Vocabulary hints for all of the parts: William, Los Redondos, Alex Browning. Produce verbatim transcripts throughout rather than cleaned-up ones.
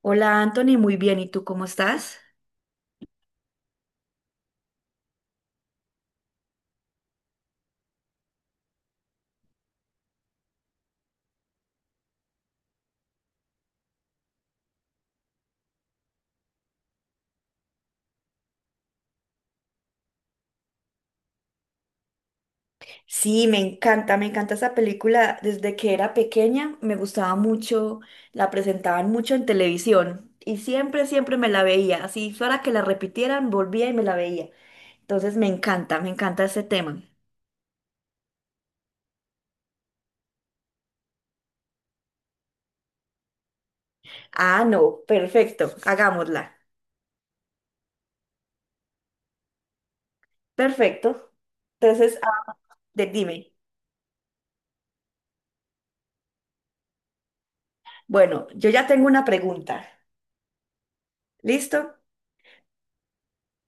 Hola Anthony, muy bien. ¿Y tú cómo estás? Sí, me encanta, me encanta esa película. Desde que era pequeña me gustaba mucho, la presentaban mucho en televisión y siempre, siempre me la veía. Así fuera que la repitieran, volvía y me la veía. Entonces me encanta, me encanta ese tema. Ah, no, perfecto, hagámosla. Perfecto. Entonces, ah, de- dime. Bueno, yo ya tengo una pregunta. ¿Listo?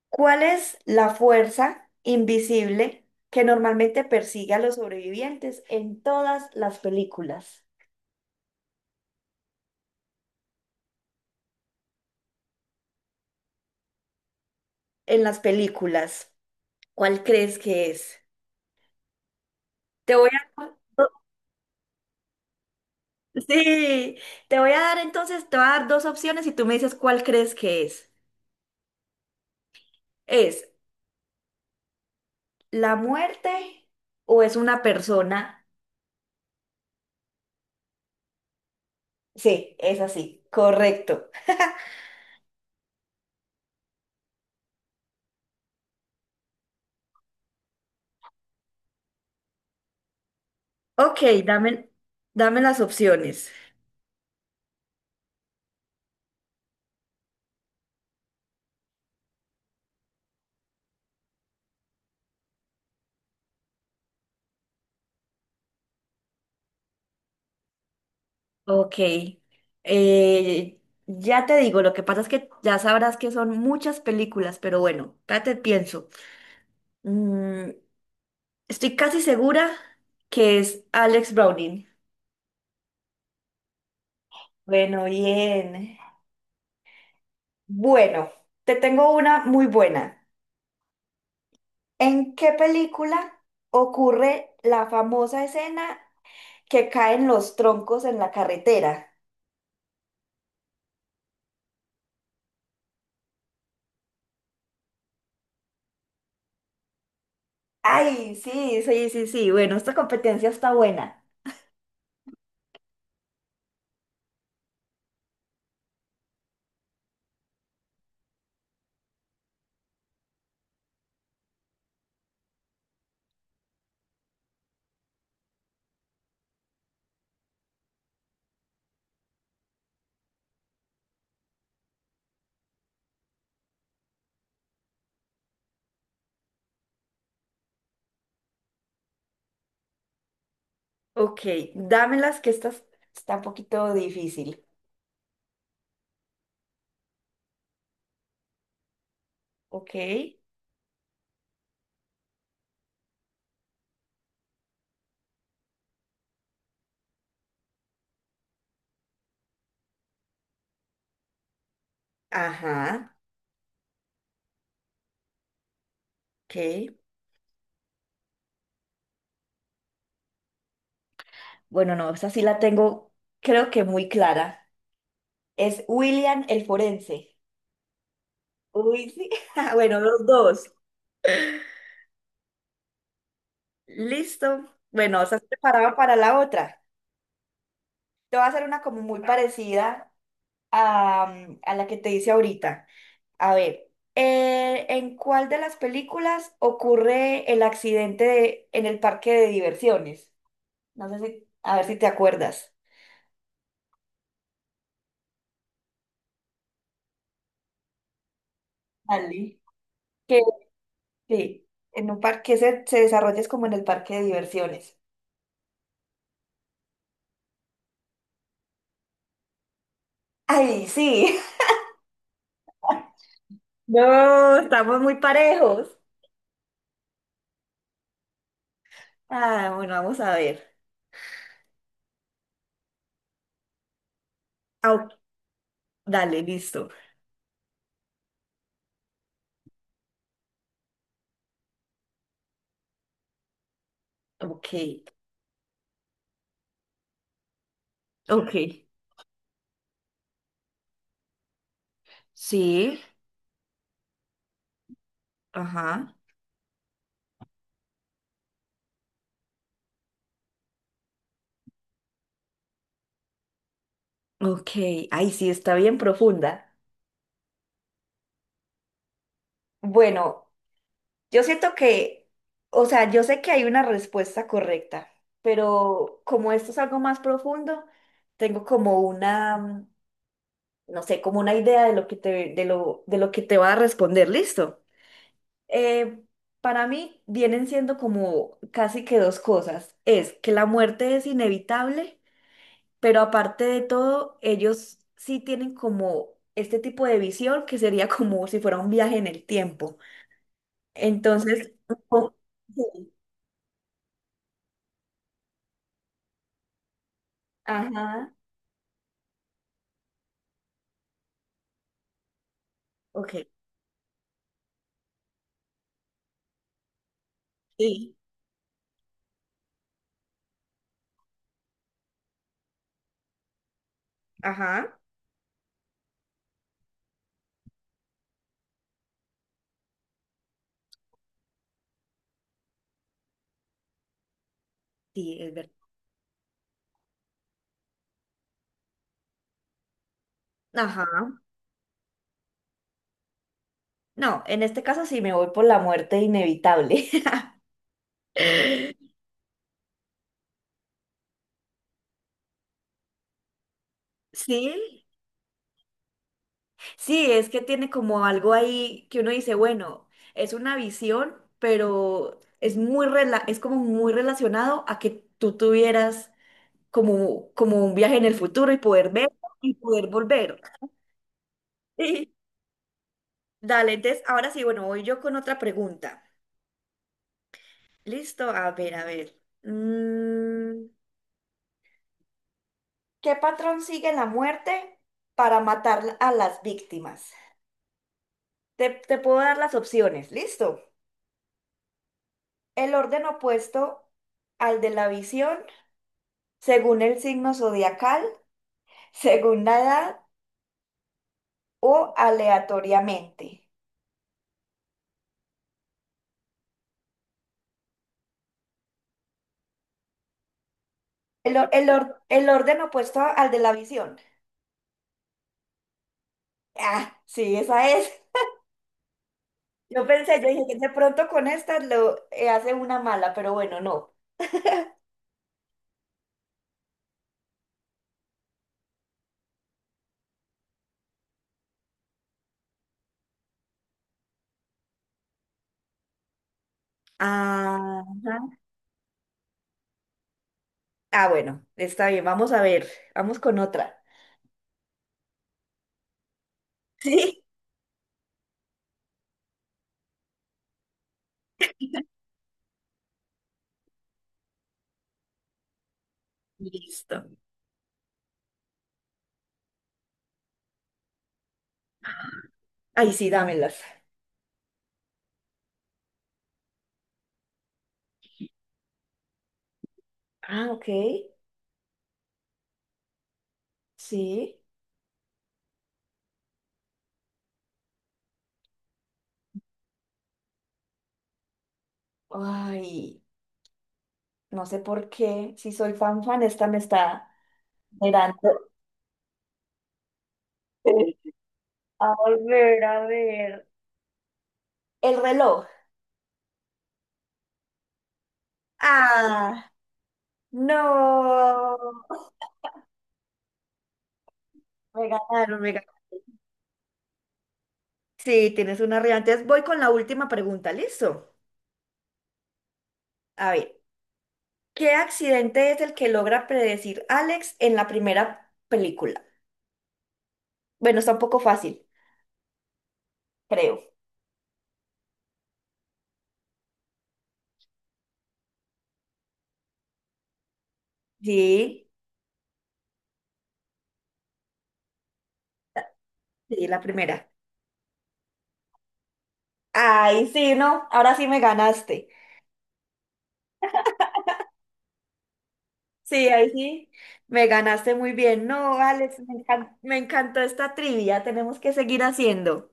¿Cuál es la fuerza invisible que normalmente persigue a los sobrevivientes en todas las películas? En las películas, ¿cuál crees que es? Te voy a... Sí, te voy a dar entonces, te voy a dar dos opciones y tú me dices cuál crees que es. ¿Es la muerte o es una persona? Sí, es así, correcto. Ok, dame, dame las opciones. Ok, eh, ya te digo, lo que pasa es que ya sabrás que son muchas películas, pero bueno, espérate, pienso. Mm, estoy casi segura que es Alex Browning. Bueno, bien. Bueno, te tengo una muy buena. ¿En qué película ocurre la famosa escena que caen los troncos en la carretera? Ay, sí, sí, sí, sí. Bueno, esta competencia está buena. Ok, dámelas que esta es- está un poquito difícil. Ok. Ajá, ok. Bueno, no, esa sí la tengo, creo que muy clara. Es William el forense. Uy, sí. Bueno, los dos. Listo. Bueno, estás preparado para la otra. Te voy a hacer una como muy parecida a, mm, a la que te hice ahorita. A ver, eh, ¿en cuál de las películas ocurre el accidente de- en el parque de diversiones? No sé si, a ver si te acuerdas. Dale. Que sí, en un parque se, se desarrolla es como en el parque de diversiones. Ay, sí. No, estamos muy parejos. Ah, bueno, vamos a ver. Ah, ok, dale, listo. Ok, ok. Sí, ajá. Ok, ay, sí, está bien profunda. Bueno. Yo siento que, o sea, yo sé que hay una respuesta correcta, pero como esto es algo más profundo, tengo como una, mm, no sé, como una idea de lo que te, de lo, de lo que te va a responder. Listo. Eh, para mí vienen siendo como casi que dos cosas. Es que la muerte es inevitable, pero aparte de todo, ellos sí tienen como este tipo de visión que sería como si fuera un viaje en el tiempo. Entonces, ujú. Ajá. Ok, sí, ajá, sí, es verdad. Ajá. No, en este caso sí me voy por la muerte inevitable. Sí, sí, es que tiene como algo ahí que uno dice, bueno, es una visión, pero es muy rela- es como muy relacionado a que tú tuvieras como, como un viaje en el futuro y poder ver y poder volver. Sí. Dale, entonces ahora sí, bueno, voy yo con otra pregunta. Listo, a ver, a ver. Mm, ¿qué patrón sigue la muerte para matar a las víctimas? Te, te puedo dar las opciones, ¿listo? El orden opuesto al de la visión, según el signo zodiacal, según la edad o aleatoriamente. El, or- el or- el orden opuesto al de la visión. Ah, sí, esa es. Yo pensé, yo dije que de pronto con esta lo eh, hace una mala, pero bueno, no. Ah, ajá. Ah, bueno, está bien, vamos a ver, vamos con otra. Sí. Listo. Ay, sí, dámelas. Ah, ok. Sí. Ay, no sé por qué. Si soy fan fan, esta me está mirando. A ver, a ver. El reloj. Ah, no. Me ganaron, me ganaron. Sí, tienes una realidad. Entonces voy con la última pregunta, ¿listo? A ver, ¿qué accidente es el que logra predecir Alex en la primera película? Bueno, está un poco fácil, creo. Sí, sí, la primera. Ay, sí, no, ahora sí me ganaste. Sí, ahí sí, me ganaste muy bien. No, Alex, me encan- me encantó esta trivia, tenemos que seguir haciendo.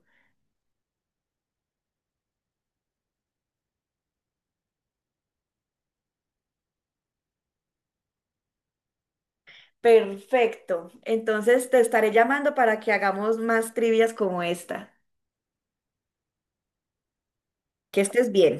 Perfecto. Entonces te estaré llamando para que hagamos más trivias como esta. Que estés bien.